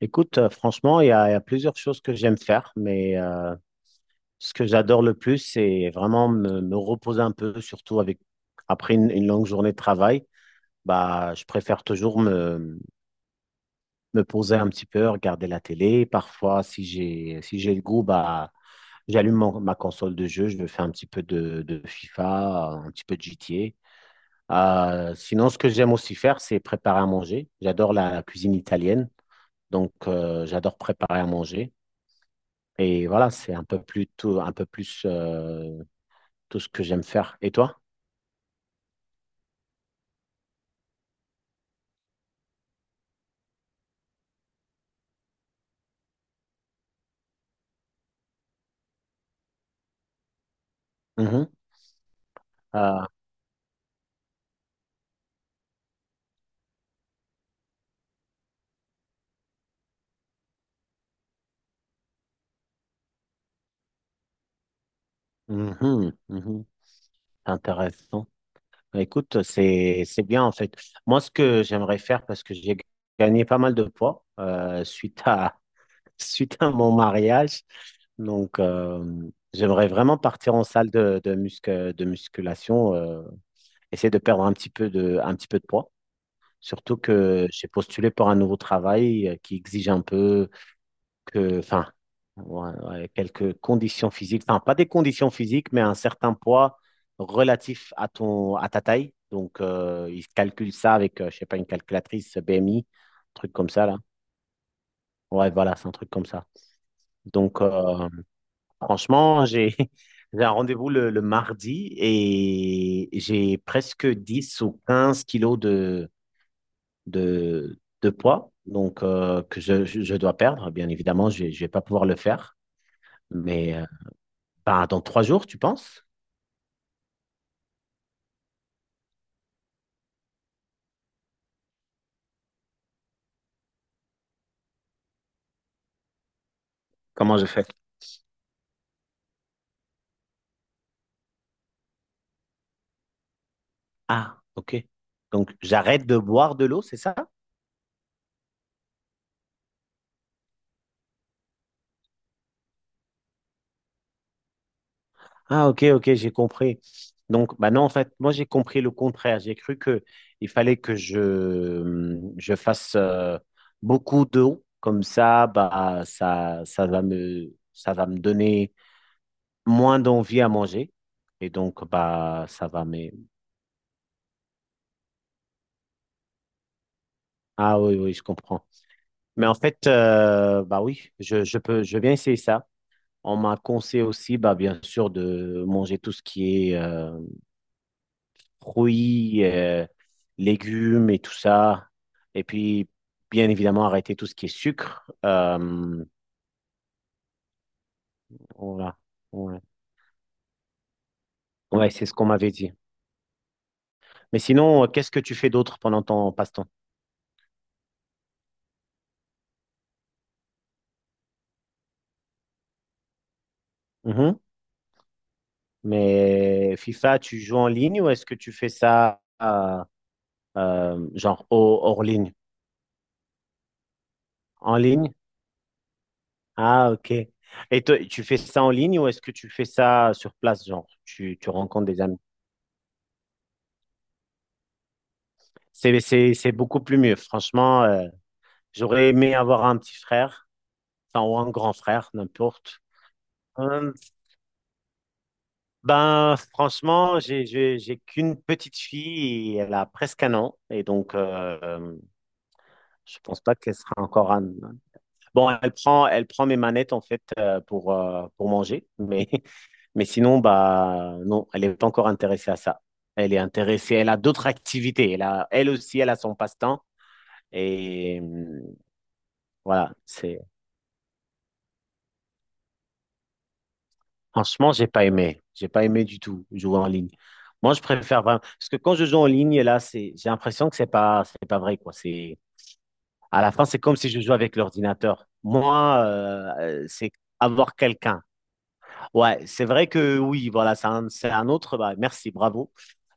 Écoute, franchement, il y a plusieurs choses que j'aime faire, mais ce que j'adore le plus, c'est vraiment me reposer un peu, surtout avec après une longue journée de travail. Bah, je préfère toujours me poser un petit peu, regarder la télé. Parfois, si j'ai le goût, bah, j'allume ma console de jeu, je me fais un petit peu de FIFA, un petit peu de GTA. Sinon, ce que j'aime aussi faire, c'est préparer à manger. J'adore la cuisine italienne, donc j'adore préparer à manger. Et voilà, c'est un peu plus tout, un peu plus tout ce que j'aime faire. Et toi? Mhm. Ah, mhm, mhm. Intéressant. Bah, écoute, c'est bien en fait. Moi, ce que j'aimerais faire, parce que j'ai gagné pas mal de poids suite à mon mariage. Donc, j'aimerais vraiment partir en salle de musculation, essayer de perdre un petit peu de poids. Surtout que j'ai postulé pour un nouveau travail qui exige un peu enfin, ouais, ouais, quelques conditions physiques, enfin, pas des conditions physiques, mais un certain poids relatif à à ta taille. Donc, ils calculent ça avec, je sais pas, une calculatrice BMI, un truc comme ça, là. Ouais, voilà, c'est un truc comme ça. Donc, franchement, j'ai j'ai un rendez-vous le mardi et j'ai presque 10 ou 15 kilos de poids donc que je dois perdre. Bien évidemment, je ne vais pas pouvoir le faire. Mais ben, dans 3 jours, tu penses? Comment je fais? Ah, ok. Donc, j'arrête de boire de l'eau, c'est ça? Ah, ok, ok, j'ai compris. Donc, bah non, en fait, moi, j'ai compris le contraire. J'ai cru que il fallait que je fasse beaucoup d'eau. Comme ça, bah, ça va me donner moins d'envie à manger. Et donc, bah, ça va me. Ah oui, oui, je comprends. Mais en fait, bah oui, je viens essayer ça. On m'a conseillé aussi, bah, bien sûr, de manger tout ce qui est fruits, légumes et tout ça. Et puis, bien évidemment, arrêter tout ce qui est sucre. Voilà. Ouais, ouais, c'est ce qu'on m'avait dit. Mais sinon, qu'est-ce que tu fais d'autre pendant ton passe-temps? Mhm. Mais FIFA, tu joues en ligne ou est-ce que tu fais ça genre hors ligne? En ligne? Ah, ok. Et toi, tu fais ça en ligne ou est-ce que tu fais ça sur place, genre tu rencontres des amis? C'est beaucoup plus mieux. Franchement, j'aurais aimé avoir un petit frère, enfin, ou un grand frère, n'importe. Euh, ben, franchement, j'ai qu'une petite fille et elle a presque 1 an. Et donc, je pense pas qu'elle sera encore un. Bon, elle prend mes manettes, en fait, pour manger. Mais, mais sinon, bah, non, elle est pas encore intéressée à ça. Elle est intéressée, elle a d'autres activités. Elle a, elle aussi, elle a son passe-temps. Et voilà, c'est. Franchement, j'ai pas aimé. J'ai pas aimé du tout jouer en ligne. Moi, je préfère vraiment. Parce que quand je joue en ligne, là, j'ai l'impression que c'est pas vrai, quoi. À la fin, c'est comme si je jouais avec l'ordinateur. Moi, c'est avoir quelqu'un. Ouais, c'est vrai que oui, voilà, c'est un autre. Bah, merci, bravo.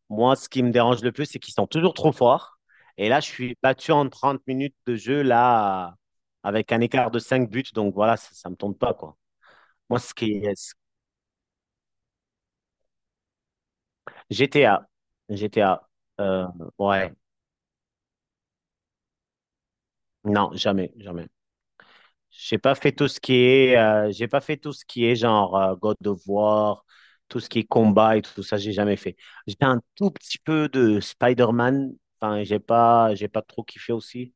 Moi, ce qui me dérange le plus, c'est qu'ils sont toujours trop forts. Et là, je suis battu en 30 minutes de jeu, là, avec un écart de 5 buts. Donc voilà, ça me tombe pas, quoi. Moi, ce qui, GTA. GTA. Euh, ouais. Non, jamais, jamais. J'ai pas fait tout ce qui est, j'ai pas fait tout ce qui est genre God of War, tout ce qui est combat et tout ça, j'ai jamais fait. J'ai fait un tout petit peu de Spider-Man. Enfin, j'ai pas trop kiffé aussi.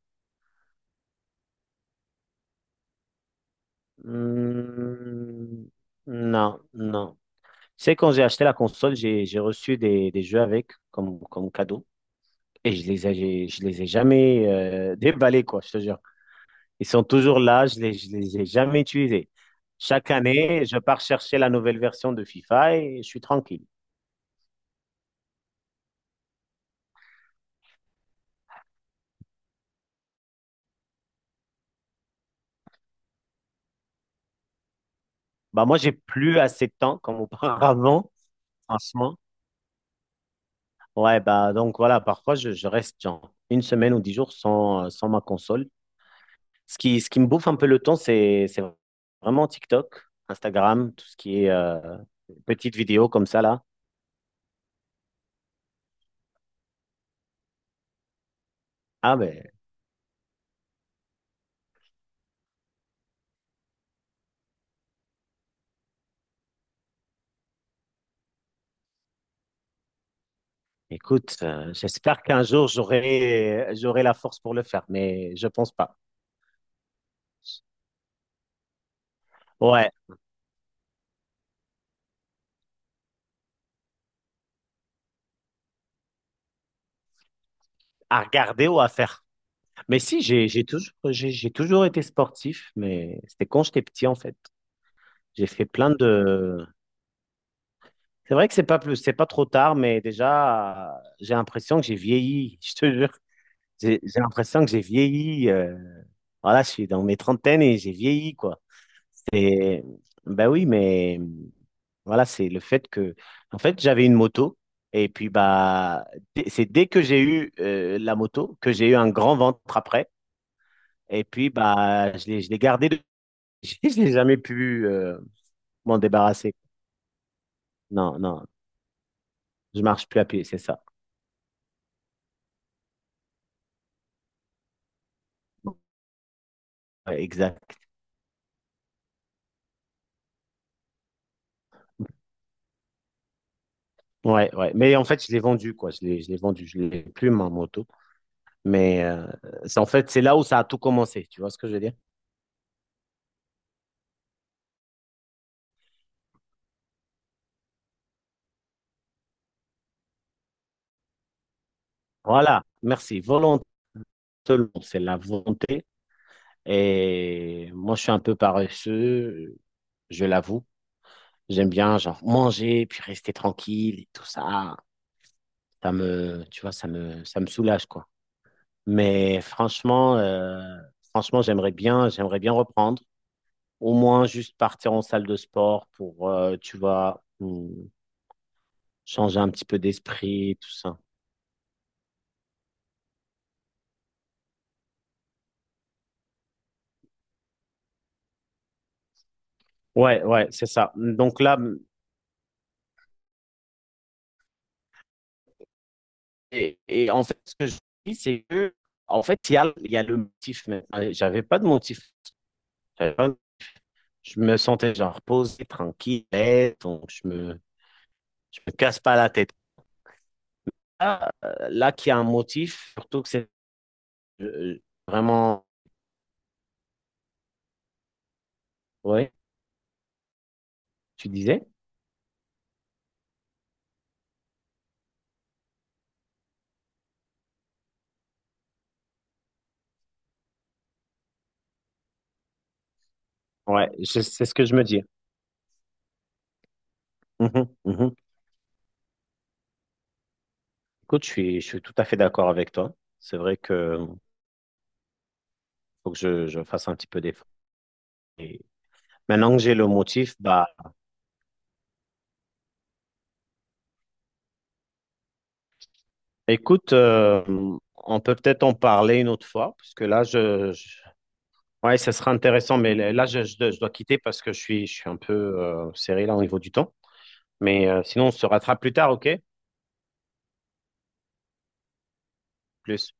Hmm, non, non. Tu sais, quand j'ai acheté la console, j'ai reçu des jeux avec comme cadeau et je les ai jamais déballés, quoi, je te jure. Ils sont toujours là, je les ai jamais utilisés. Chaque année, je pars chercher la nouvelle version de FIFA et je suis tranquille. Bah moi, j'ai plus assez de temps comme auparavant, franchement. Ouais, bah donc voilà, parfois je reste genre une semaine ou 10 jours sans ma console. Ce qui me bouffe un peu le temps, c'est vraiment TikTok, Instagram, tout ce qui est petites vidéos comme ça là. Ah ben écoute, j'espère qu'un jour j'aurai la force pour le faire, mais je pense pas. Ouais. À regarder ou à faire. Mais si, j'ai toujours été sportif, mais c'était quand j'étais petit, en fait. J'ai fait plein de. C'est vrai que c'est pas trop tard, mais déjà, j'ai l'impression que j'ai vieilli, je te jure. J'ai l'impression que j'ai vieilli. Voilà, je suis dans mes trentaines et j'ai vieilli, quoi. C'est, ben oui, mais voilà, c'est le fait que, en fait, j'avais une moto. Et puis, bah, c'est dès que j'ai eu la moto que j'ai eu un grand ventre après. Et puis, bah, je l'ai gardé. Je l'ai jamais pu m'en débarrasser. Non, non, je marche plus à pied, c'est ça. Ouais, exact. Ouais, ouais. Mais en fait, je l'ai vendu, quoi. Je l'ai vendu. Je l'ai plus, ma moto. Mais c'est, en fait, c'est là où ça a tout commencé. Tu vois ce que je veux dire? Voilà. Merci. Volonté, c'est la volonté. Et moi, je suis un peu paresseux, je l'avoue. J'aime bien, genre, manger, puis rester tranquille et tout ça. Ça me, tu vois, ça me soulage, quoi. Mais franchement, j'aimerais bien reprendre. Au moins juste partir en salle de sport pour, tu vois, changer un petit peu d'esprit, tout ça. Ouais, ouais, c'est ça. Donc là, et en fait, ce que je dis, c'est que, en fait, il y a le motif. Mais j'avais pas de motif. J'avais pas- Je me sentais genre posé, tranquille, à l'aise, donc je me casse pas la tête. Là qu'il y a un motif, surtout que c'est euh, vraiment, ouais, tu disais? Ouais, c'est ce que je me dis. Mhm, mhm. Écoute, je suis tout à fait d'accord avec toi. C'est vrai que faut que je fasse un petit peu d'effort. Et maintenant que j'ai le motif, bah, écoute, on peut-être en parler une autre fois, parce que là, ouais, ça sera intéressant, mais là, je dois quitter parce que je suis un peu serré là au niveau du temps. Mais sinon, on se rattrape plus tard, ok? Plus.